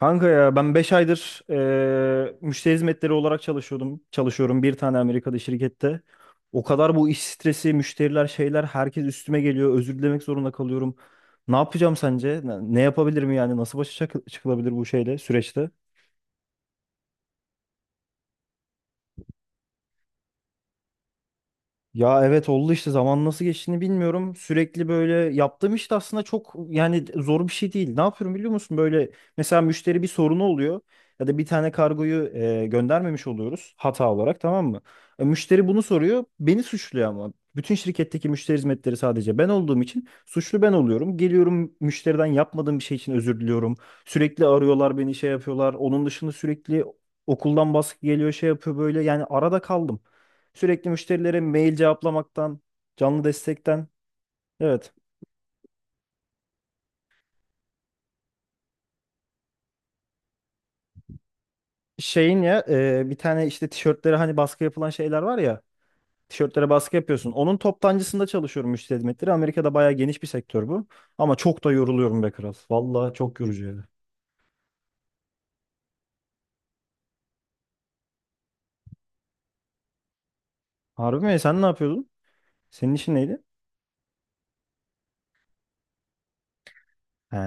Kanka ya ben 5 aydır müşteri hizmetleri olarak çalışıyordum. Çalışıyorum bir tane Amerika'da şirkette. O kadar bu iş stresi, müşteriler, şeyler herkes üstüme geliyor. Özür dilemek zorunda kalıyorum. Ne yapacağım sence? Ne yapabilirim yani? Nasıl başa çıkılabilir bu şeyle, süreçte? Ya evet oldu işte zaman nasıl geçtiğini bilmiyorum. Sürekli böyle yaptığım işte aslında çok yani zor bir şey değil. Ne yapıyorum biliyor musun? Böyle mesela müşteri bir sorunu oluyor ya da bir tane kargoyu göndermemiş oluyoruz hata olarak, tamam mı? Müşteri bunu soruyor, beni suçluyor ama. Bütün şirketteki müşteri hizmetleri sadece ben olduğum için suçlu ben oluyorum. Geliyorum müşteriden, yapmadığım bir şey için özür diliyorum. Sürekli arıyorlar beni, şey yapıyorlar. Onun dışında sürekli okuldan baskı geliyor, şey yapıyor böyle, yani arada kaldım. Sürekli müşterilere mail cevaplamaktan, canlı destekten. Evet. Şeyin ya, bir tane işte tişörtlere hani baskı yapılan şeyler var ya. Tişörtlere baskı yapıyorsun. Onun toptancısında çalışıyorum, müşteri hizmetleri. Amerika'da bayağı geniş bir sektör bu. Ama çok da yoruluyorum be kral. Vallahi çok yorucu yani. Harbi mi? Sen ne yapıyordun? Senin işin neydi? He.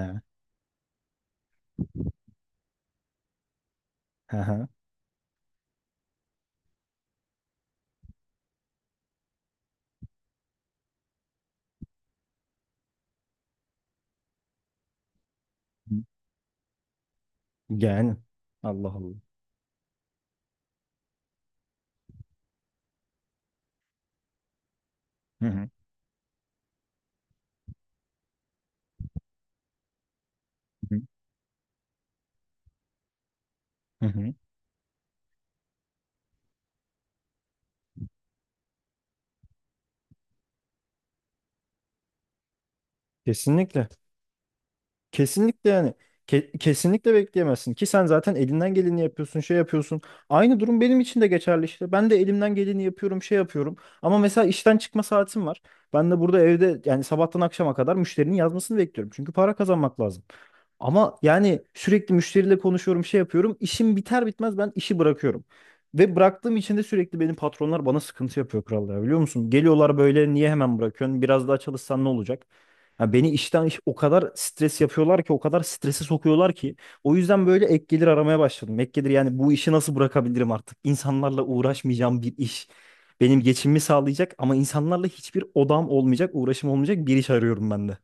He he. Yani. Allah Allah. Hı hı. Hı hı. Kesinlikle. Kesinlikle yani. Kesinlikle bekleyemezsin ki, sen zaten elinden geleni yapıyorsun, şey yapıyorsun. Aynı durum benim için de geçerli işte. Ben de elimden geleni yapıyorum, şey yapıyorum. Ama mesela işten çıkma saatim var. Ben de burada evde, yani sabahtan akşama kadar müşterinin yazmasını bekliyorum. Çünkü para kazanmak lazım. Ama yani sürekli müşteriyle konuşuyorum, şey yapıyorum. İşim biter bitmez ben işi bırakıyorum. Ve bıraktığım için de sürekli benim patronlar bana sıkıntı yapıyor kral ya, biliyor musun? Geliyorlar böyle, niye hemen bırakıyorsun? Biraz daha çalışsan ne olacak? Ya beni işten o kadar stres yapıyorlar ki, o kadar strese sokuyorlar ki o yüzden böyle ek gelir aramaya başladım. Ek gelir, yani bu işi nasıl bırakabilirim artık? İnsanlarla uğraşmayacağım bir iş. Benim geçimimi sağlayacak ama insanlarla hiçbir odam olmayacak, uğraşım olmayacak bir iş arıyorum ben de.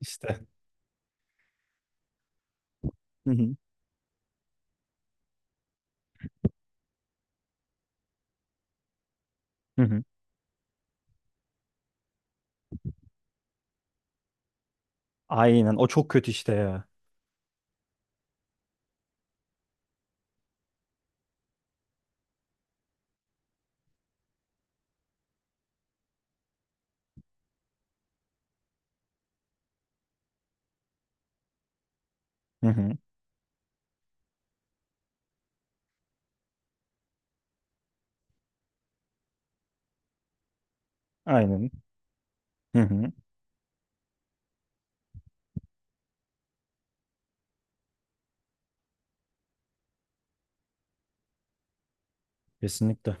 İşte. Hı hı. Hı hı. Aynen, o çok kötü işte ya. Hı hı. Aynen. Hı hı. Kesinlikle.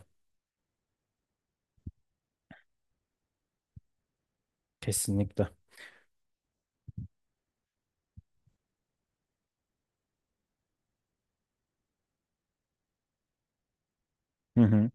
Kesinlikle. Hı hı.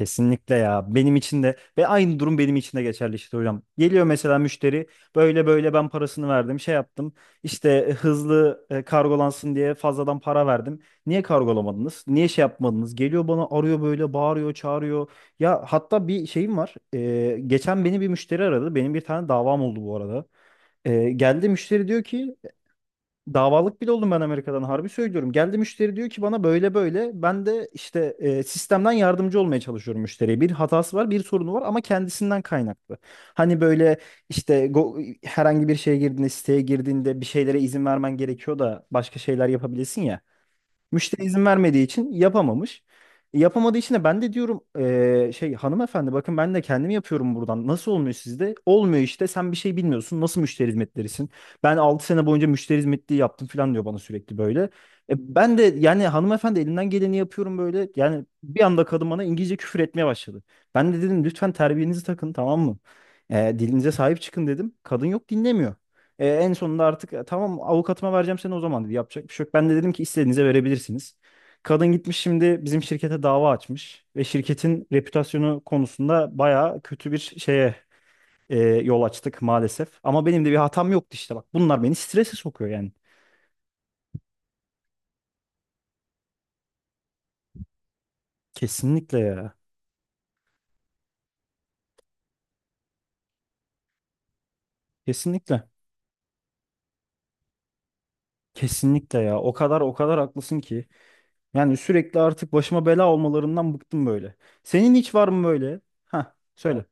Kesinlikle ya. Benim için de, ve aynı durum benim için de geçerli işte hocam. Geliyor mesela müşteri, böyle böyle ben parasını verdim, şey yaptım, işte hızlı kargolansın diye fazladan para verdim. Niye kargolamadınız? Niye şey yapmadınız? Geliyor bana, arıyor, böyle bağırıyor çağırıyor. Ya hatta bir şeyim var. Geçen beni bir müşteri aradı. Benim bir tane davam oldu bu arada. Geldi müşteri diyor ki. Davalık bile oldum ben Amerika'dan, harbi söylüyorum. Geldi müşteri diyor ki bana böyle böyle. Ben de işte sistemden yardımcı olmaya çalışıyorum müşteriye. Bir hatası var, bir sorunu var ama kendisinden kaynaklı. Hani böyle işte, herhangi bir şeye girdiğinde, siteye girdiğinde bir şeylere izin vermen gerekiyor da başka şeyler yapabilirsin ya. Müşteri izin vermediği için yapamamış. E, yapamadığı için de ben de diyorum şey, hanımefendi bakın, ben de kendim yapıyorum buradan. Nasıl olmuyor sizde? Olmuyor, işte sen bir şey bilmiyorsun. Nasıl müşteri hizmetlerisin? Ben 6 sene boyunca müşteri hizmetliği yaptım falan diyor bana sürekli böyle. E, ben de yani, hanımefendi elinden geleni yapıyorum böyle. Yani bir anda kadın bana İngilizce küfür etmeye başladı. Ben de dedim lütfen terbiyenizi takın, tamam mı? E, dilinize sahip çıkın dedim. Kadın yok, dinlemiyor. E, en sonunda artık, Tamam, avukatıma vereceğim seni o zaman" dedi. Yapacak bir şey yok. Ben de dedim ki istediğinize verebilirsiniz. Kadın gitmiş şimdi bizim şirkete dava açmış ve şirketin reputasyonu konusunda bayağı kötü bir şeye yol açtık maalesef. Ama benim de bir hatam yoktu işte, bak. Bunlar beni strese sokuyor yani. Kesinlikle ya. Kesinlikle. Kesinlikle ya. O kadar, o kadar haklısın ki. Yani sürekli artık başıma bela olmalarından bıktım böyle. Senin hiç var mı böyle? Ha, söyle.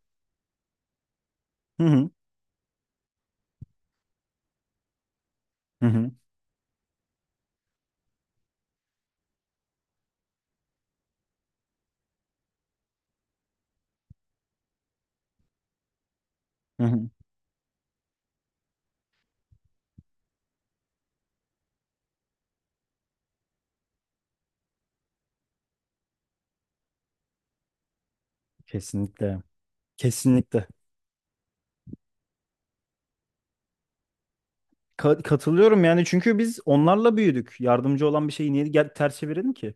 Hı hı. Hı hı. Hı hı. Kesinlikle. Kesinlikle. Katılıyorum yani, çünkü biz onlarla büyüdük. Yardımcı olan bir şeyi niye gel ters çevirelim ki?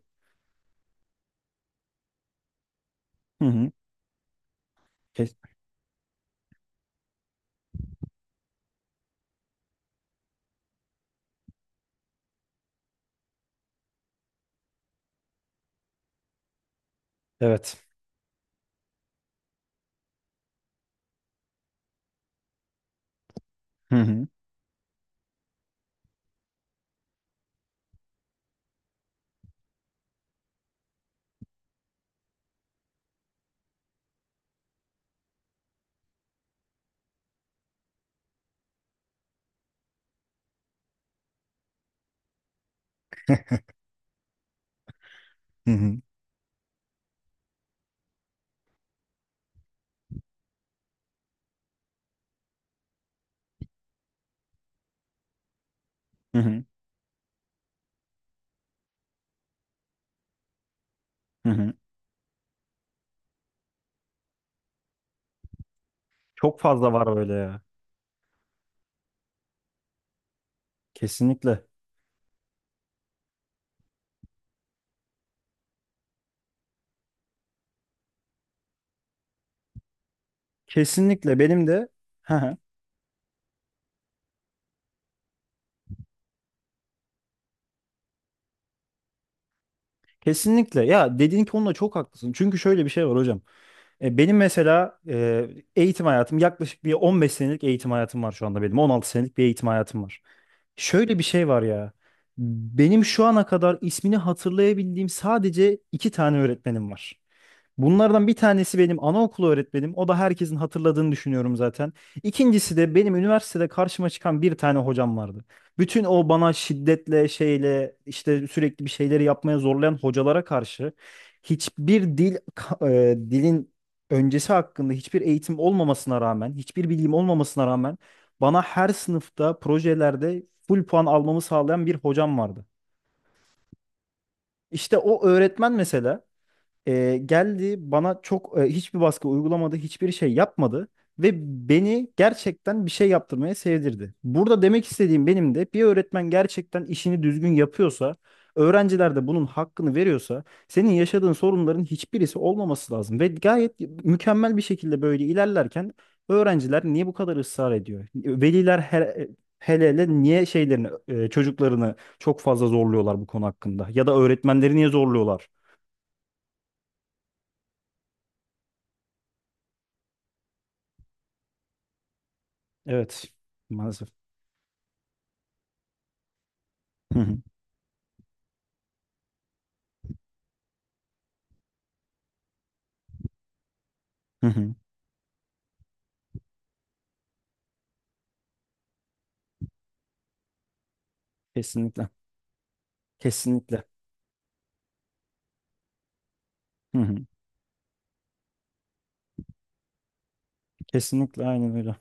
Hı hı. Kes- Evet. Hı hı. Hı hı. Hı hı. Hı hı. Çok fazla var böyle ya. Kesinlikle. Kesinlikle benim de. Hı hı. Kesinlikle. Ya dediğin konuda çok haklısın. Çünkü şöyle bir şey var hocam. Benim mesela eğitim hayatım, yaklaşık bir 15 senelik eğitim hayatım var şu anda benim. 16 senelik bir eğitim hayatım var. Şöyle bir şey var ya. Benim şu ana kadar ismini hatırlayabildiğim sadece iki tane öğretmenim var. Bunlardan bir tanesi benim anaokulu öğretmenim. O da herkesin hatırladığını düşünüyorum zaten. İkincisi de benim üniversitede karşıma çıkan bir tane hocam vardı. Bütün o bana şiddetle şeyle, işte sürekli bir şeyleri yapmaya zorlayan hocalara karşı, hiçbir dil dilin öncesi hakkında hiçbir eğitim olmamasına rağmen, hiçbir bilgim olmamasına rağmen bana her sınıfta projelerde full puan almamı sağlayan bir hocam vardı. İşte o öğretmen mesela geldi bana çok, hiçbir baskı uygulamadı, hiçbir şey yapmadı ve beni gerçekten bir şey yaptırmaya sevdirdi. Burada demek istediğim, benim de bir öğretmen gerçekten işini düzgün yapıyorsa, öğrenciler de bunun hakkını veriyorsa, senin yaşadığın sorunların hiçbirisi olmaması lazım ve gayet mükemmel bir şekilde böyle ilerlerken öğrenciler niye bu kadar ısrar ediyor? Veliler hele hele niye şeylerini, çocuklarını çok fazla zorluyorlar bu konu hakkında? Ya da öğretmenleri niye zorluyorlar? Evet, maalesef. Hı hı, hı hı. Kesinlikle. Kesinlikle. Hı hı. Kesinlikle, aynen öyle.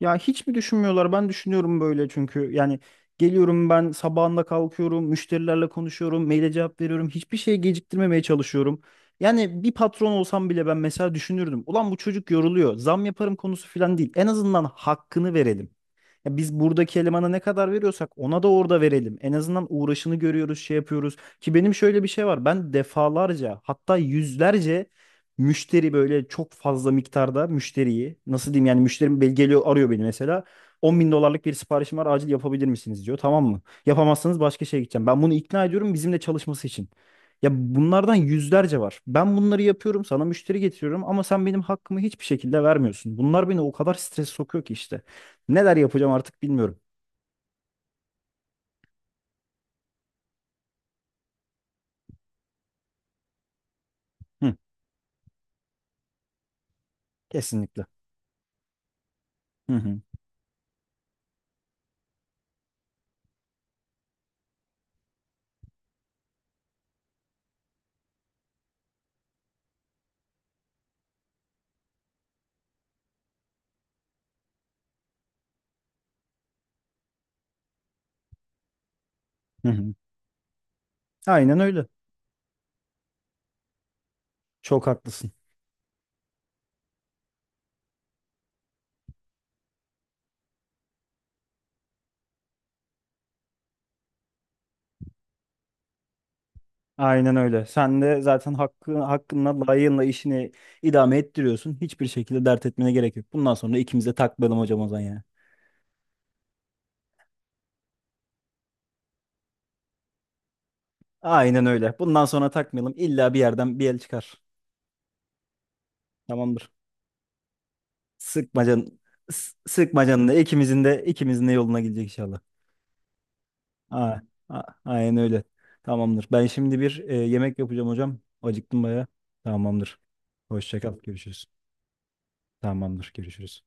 Ya hiç mi düşünmüyorlar? Ben düşünüyorum böyle, çünkü yani geliyorum ben sabahında, kalkıyorum, müşterilerle konuşuyorum, maile cevap veriyorum. Hiçbir şey geciktirmemeye çalışıyorum. Yani bir patron olsam bile, ben mesela düşünürdüm. Ulan bu çocuk yoruluyor. Zam yaparım konusu falan değil. En azından hakkını verelim. Ya biz buradaki elemana ne kadar veriyorsak ona da orada verelim. En azından uğraşını görüyoruz, şey yapıyoruz. Ki benim şöyle bir şey var. Ben defalarca, hatta yüzlerce müşteri, böyle çok fazla miktarda müşteriyi, nasıl diyeyim yani, müşterim geliyor arıyor beni mesela. 10 bin dolarlık bir siparişim var, acil yapabilir misiniz diyor, tamam mı? Yapamazsanız başka şeye gideceğim. Ben bunu ikna ediyorum bizimle çalışması için. Ya bunlardan yüzlerce var. Ben bunları yapıyorum, sana müşteri getiriyorum ama sen benim hakkımı hiçbir şekilde vermiyorsun. Bunlar beni o kadar stres sokuyor ki işte. Neler yapacağım artık bilmiyorum. Hı, kesinlikle. Hı hı, hı hı. Aynen öyle. Çok haklısın. Aynen öyle. Sen de zaten hakkı, hakkınla, layığınla işini idame ettiriyorsun. Hiçbir şekilde dert etmene gerek yok. Bundan sonra ikimiz de takmayalım hocam o zaman yani. Aynen öyle. Bundan sonra takmayalım. İlla bir yerden bir el çıkar. Tamamdır. Sıkma canını. Sıkma canını. İkimizin de, ikimizin de yoluna gidecek inşallah. A- aynen öyle. Tamamdır. Ben şimdi bir yemek yapacağım hocam. Acıktım baya. Tamamdır. Hoşça kal. Görüşürüz. Tamamdır. Görüşürüz.